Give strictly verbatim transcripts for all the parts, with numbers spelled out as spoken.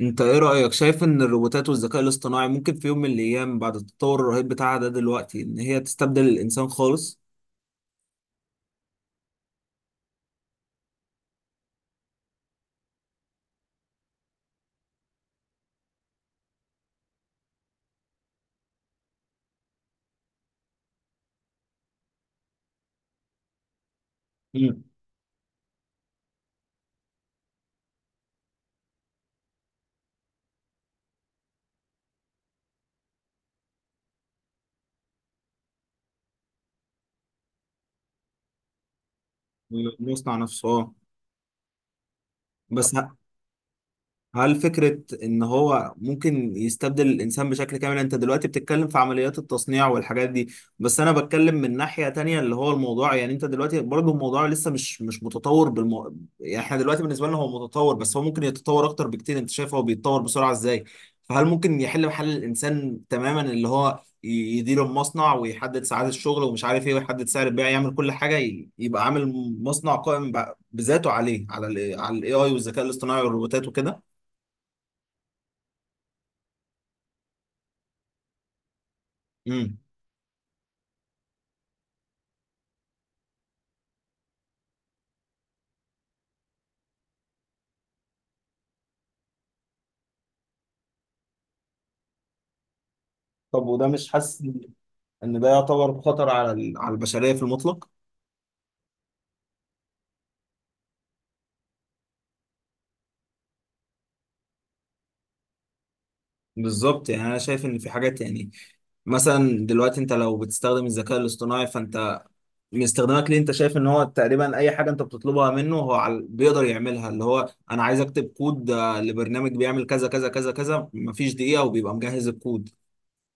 انت ايه رأيك شايف ان الروبوتات والذكاء الاصطناعي ممكن في يوم من الايام بعد التطور الرهيب بتاعها ده دلوقتي ان هي تستبدل الانسان خالص؟ مم. ويصنع نفسه اه. بس ه- هل فكرة إن هو ممكن يستبدل الإنسان بشكل كامل؟ أنت دلوقتي بتتكلم في عمليات التصنيع والحاجات دي، بس أنا بتكلم من ناحية تانية اللي هو الموضوع يعني أنت دلوقتي برضه الموضوع لسه مش مش متطور بالمو... يعني إحنا دلوقتي بالنسبة لنا هو متطور بس هو ممكن يتطور أكتر بكتير، أنت شايف هو بيتطور بسرعة إزاي؟ فهل ممكن يحل محل الإنسان تماما اللي هو ي- يدير المصنع ويحدد ساعات الشغل ومش عارف إيه ويحدد سعر البيع يعمل كل حاجة ي- يبقى عامل مصنع قائم ب- بذاته عليه على ال على ال إيه آي والذكاء الاصطناعي والروبوتات وكده؟ امم طب وده مش حاسس ان ده يعتبر خطر على ال- على البشريه في المطلق. بالظبط يعني انا شايف ان في حاجات يعني مثلا دلوقتي انت لو بتستخدم الذكاء الاصطناعي فانت من استخدامك ليه انت شايف ان هو تقريبا اي حاجه انت بتطلبها منه هو على- بيقدر يعملها اللي هو انا عايز اكتب كود آه، لبرنامج بيعمل كذا كذا كذا كذا مفيش دقيقه وبيبقى مجهز الكود.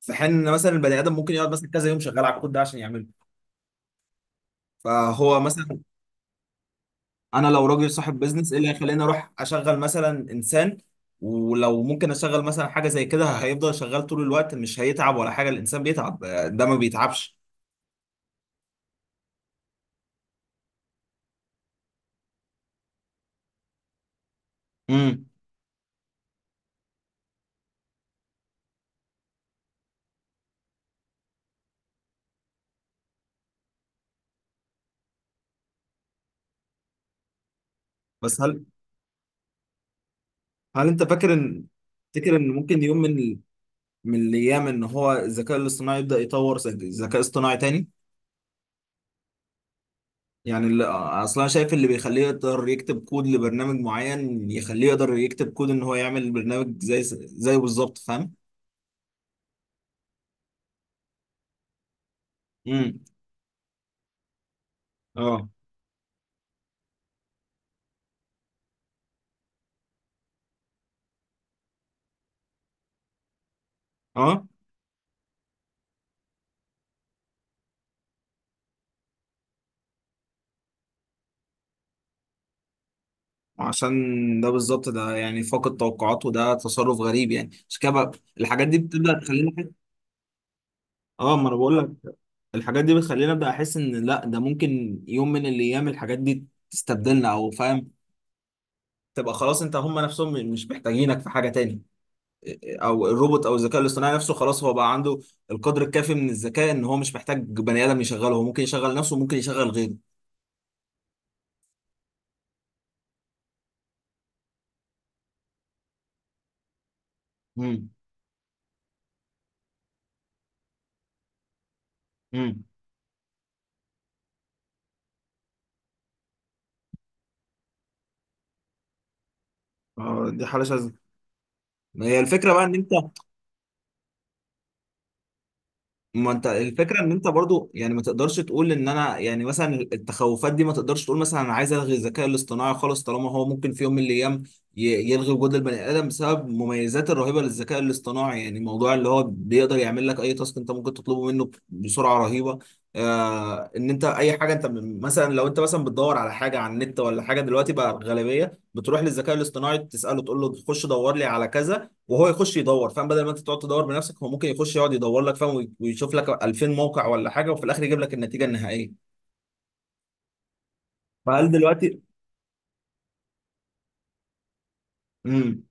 في حين ان مثلا البني ادم ممكن يقعد مثلا كذا يوم شغال على الكود ده عشان يعمله، فهو مثلا انا لو راجل صاحب بيزنس ايه اللي هيخليني اروح اشغل مثلا انسان ولو ممكن اشغل مثلا حاجه زي كده هيفضل شغال طول الوقت مش هيتعب ولا حاجه. الانسان بيتعب، آه، ده ما بيتعبش. امم بس هل هل انت فاكر ان تفتكر ان ممكن يوم من من الايام ان هو الذكاء الاصطناعي يبدا يطور ذك- ذكاء اصطناعي تاني؟ يعني اللي اصلا أنا شايف اللي بيخليه يقدر يكتب كود لبرنامج معين يخليه يقدر يكتب كود ان هو يعمل برنامج زي زيه بالظبط فاهم. امم اه اه عشان ده بالظبط ده يعني فاقد توقعات وده تصرف غريب يعني عشان كده بقى الحاجات دي بتبدأ تخليني أحس- اه ما انا بقول لك الحاجات دي بتخليني ابدا احس ان لا ده ممكن يوم من الايام الحاجات دي تستبدلنا او فاهم تبقى خلاص. انت هم نفسهم مش محتاجينك في حاجه تاني، او الروبوت او الذكاء الاصطناعي نفسه خلاص هو بقى عنده القدر الكافي من الذكاء ان هو مش محتاج بني ادم يشغله. هو ممكن يشغل نفسه وممكن يشغل غيره. امم امم اه دي حاله شاذه. ما هي الفكره بقى ان انت ما انت الفكره ان انت برضو يعني ما تقدرش تقول ان انا يعني مثلا التخوفات دي ما تقدرش تقول مثلا انا عايز الغي الذكاء الاصطناعي خالص طالما هو ممكن في يوم من الايام ي- يلغي وجود البني ادم بسبب المميزات الرهيبه للذكاء الاصطناعي، يعني موضوع اللي هو بيقدر يعمل لك اي تاسك انت ممكن تطلبه منه بسرعه رهيبه. آه ان انت اي حاجه انت م- مثلا لو انت مثلا بتدور على حاجه على النت ولا حاجه دلوقتي بقى الغالبيه بتروح للذكاء الاصطناعي تساله تقول له خش دور لي على كذا وهو يخش يدور، فاهم؟ بدل ما انت تقعد تدور بنفسك هو ممكن يخش يقعد يدور لك فاهم وي- ويشوف لك ألفين موقع ولا حاجه وفي الاخر يجيب لك النتيجه النهائيه. فهل دلوقتي امم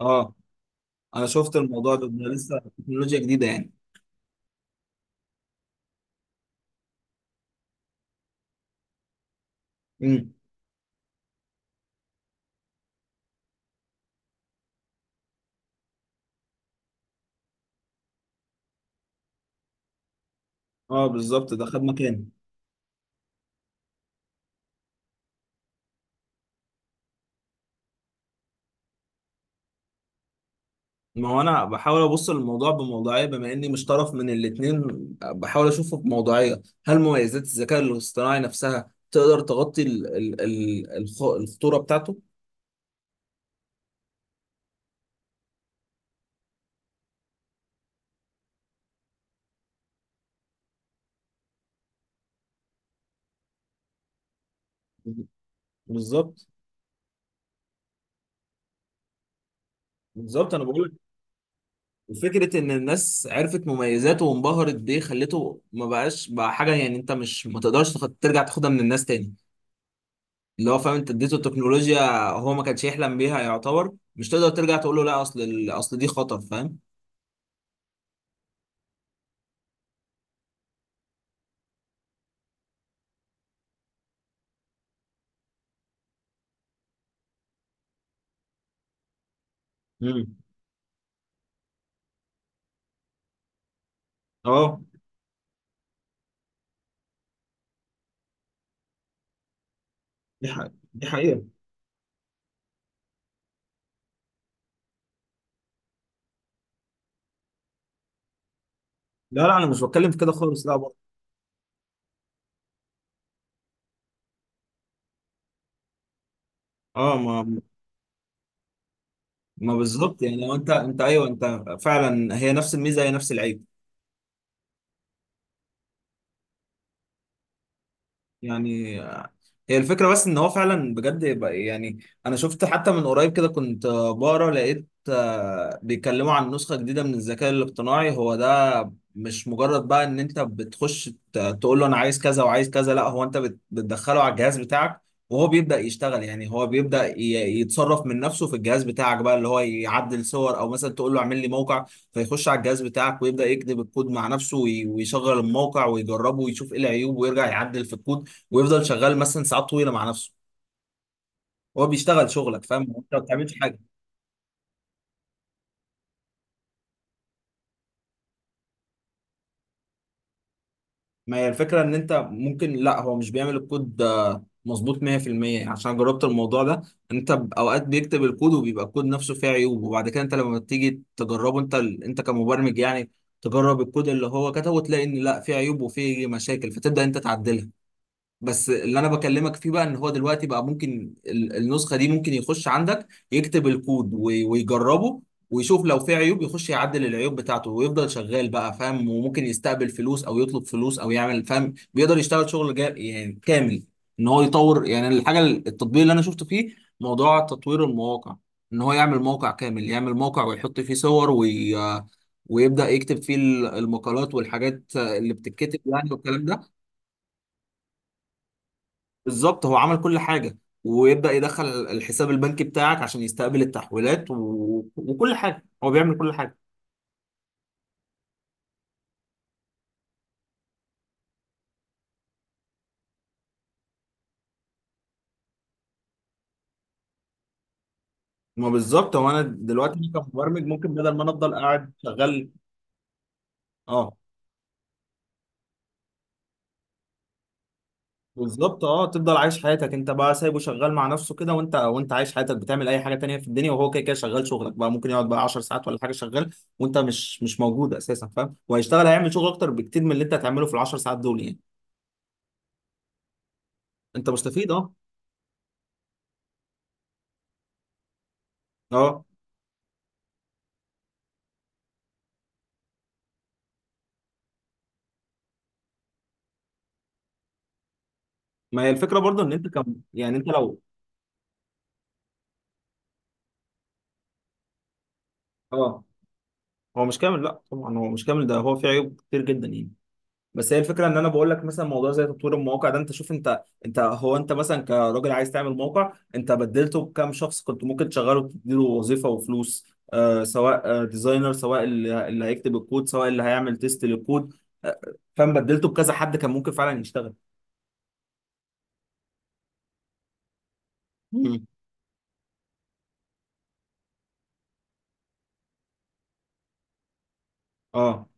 اه انا شفت الموضوع ده ده لسه تكنولوجيا جديده يعني. امم اه بالظبط ده خد مكاني. ما هو انا بحاول ابص للموضوع بموضوعيه بما اني مش طرف من الاثنين، بحاول اشوفه بموضوعيه. هل مميزات الذكاء الاصطناعي نفسها تقدر تغطي ال ال ال الخ- الخطوره بتاعته؟ بالظبط بالظبط انا بقول وفكرة إن الناس عرفت مميزاته وانبهرت بيه خلته ما بقاش بقى حاجة يعني أنت مش ما تقدرش تاخد- ترجع تاخدها من الناس تاني. اللي هو فاهم أنت اديته التكنولوجيا هو ما كانش يحلم بيها، يعتبر مش تقدر ترجع تقول له لا أصل ال- أصل دي خطر فاهم؟ امم أه دي حقيقة دي حقيقة. لا لا أنا مش بتكلم في كده خالص لا برضه. أه ما ما بالظبط يعني هو أنت أنت أيوه أنت فعلا هي نفس الميزة هي نفس العيب. يعني هي الفكرة بس ان هو فعلا بجد بقى- يعني انا شفت حتى من قريب كده كنت آه، بقرا لقيت آه، بيتكلموا عن نسخة جديدة من الذكاء الاصطناعي. هو ده مش مجرد بقى ان انت بتخش ت- تقول له انا عايز كذا وعايز كذا، لا هو انت بت- بتدخله على الجهاز بتاعك وهو بيبدأ يشتغل. يعني هو بيبدأ ي- يتصرف من نفسه في الجهاز بتاعك بقى اللي هو يعدل صور او مثلا تقول له اعمل لي موقع فيخش على الجهاز بتاعك ويبدأ يكتب الكود مع نفسه وي- ويشغل الموقع ويجربه ويشوف ايه العيوب ويرجع يعدل في الكود ويفضل شغال مثلا ساعات طويله مع نفسه. هو بيشتغل شغلك فاهم انت ما بتعملش حاجه. ما هي الفكره ان انت ممكن لا هو مش بيعمل الكود ده مظبوط مية في المية عشان جربت الموضوع ده. انت ب- اوقات بيكتب الكود وبيبقى الكود نفسه فيه عيوب، وبعد كده انت لما تيجي تجربه انت ال- انت كمبرمج يعني تجرب الكود اللي هو كتبه وتلاقي ان لا فيه عيوب وفيه مشاكل فتبدا انت تعدلها. بس اللي انا بكلمك فيه بقى ان هو دلوقتي بقى ممكن ال- النسخه دي ممكن يخش عندك يكتب الكود وي- ويجربه ويشوف لو في عيوب يخش يعدل العيوب بتاعته ويفضل شغال بقى فاهم وممكن يستقبل فلوس او يطلب فلوس او يعمل فاهم. بيقدر يشتغل شغل جا يعني كامل، ان هو يطور يعني الحاجه التطبيق اللي انا شفته فيه موضوع تطوير المواقع. ان هو يعمل موقع كامل، يعمل موقع ويحط فيه صور وي... ويبدأ يكتب فيه المقالات والحاجات اللي بتتكتب يعني والكلام ده. بالظبط هو عمل كل حاجة. ويبدأ يدخل الحساب البنكي بتاعك عشان يستقبل التحويلات و... وكل حاجة هو بيعمل كل حاجة. ما بالظبط هو انا دلوقتي أنا كمبرمج ممكن بدل ما انا افضل قاعد شغال. اه بالظبط اه تفضل عايش حياتك انت بقى سايبه شغال مع نفسه كده، وانت وانت عايش حياتك بتعمل اي حاجة تانية في الدنيا وهو كده كده شغال شغلك بقى ممكن يقعد بقى عشر ساعات ولا حاجة شغال وانت مش مش موجود اساسا فاهم وهيشتغل هيعمل شغل اكتر بكتير من اللي انت هتعمله في ال عشر ساعات دول يعني. انت مستفيد اه. اه ما هي الفكرة برضه ان انت كم يعني انت لو اه هو مش كامل. لا طبعا هو مش كامل ده هو فيه عيوب كتير جدا يعني. بس هي الفكره ان انا بقول لك مثلا موضوع زي تطوير المواقع ده انت شوف انت انت هو انت مثلا كراجل عايز تعمل موقع انت بدلته بكام شخص كنت ممكن تشغله تديله وظيفه وفلوس، آه سواء آه ديزاينر سواء اللي اللي هيكتب الكود سواء اللي هيعمل تيست للكود، آه فاهم بدلته بكذا حد كان ممكن فعلا يشتغل. مم. اه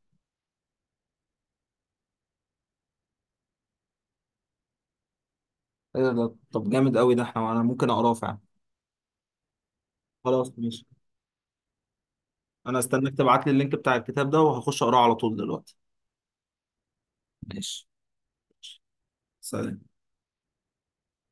ايه ده طب جامد قوي، ده احنا انا ممكن اقراه فعلا. خلاص ماشي. انا استناك تبعت لي اللينك بتاع الكتاب ده وهخش اقراه على طول دلوقتي. ماشي سلام.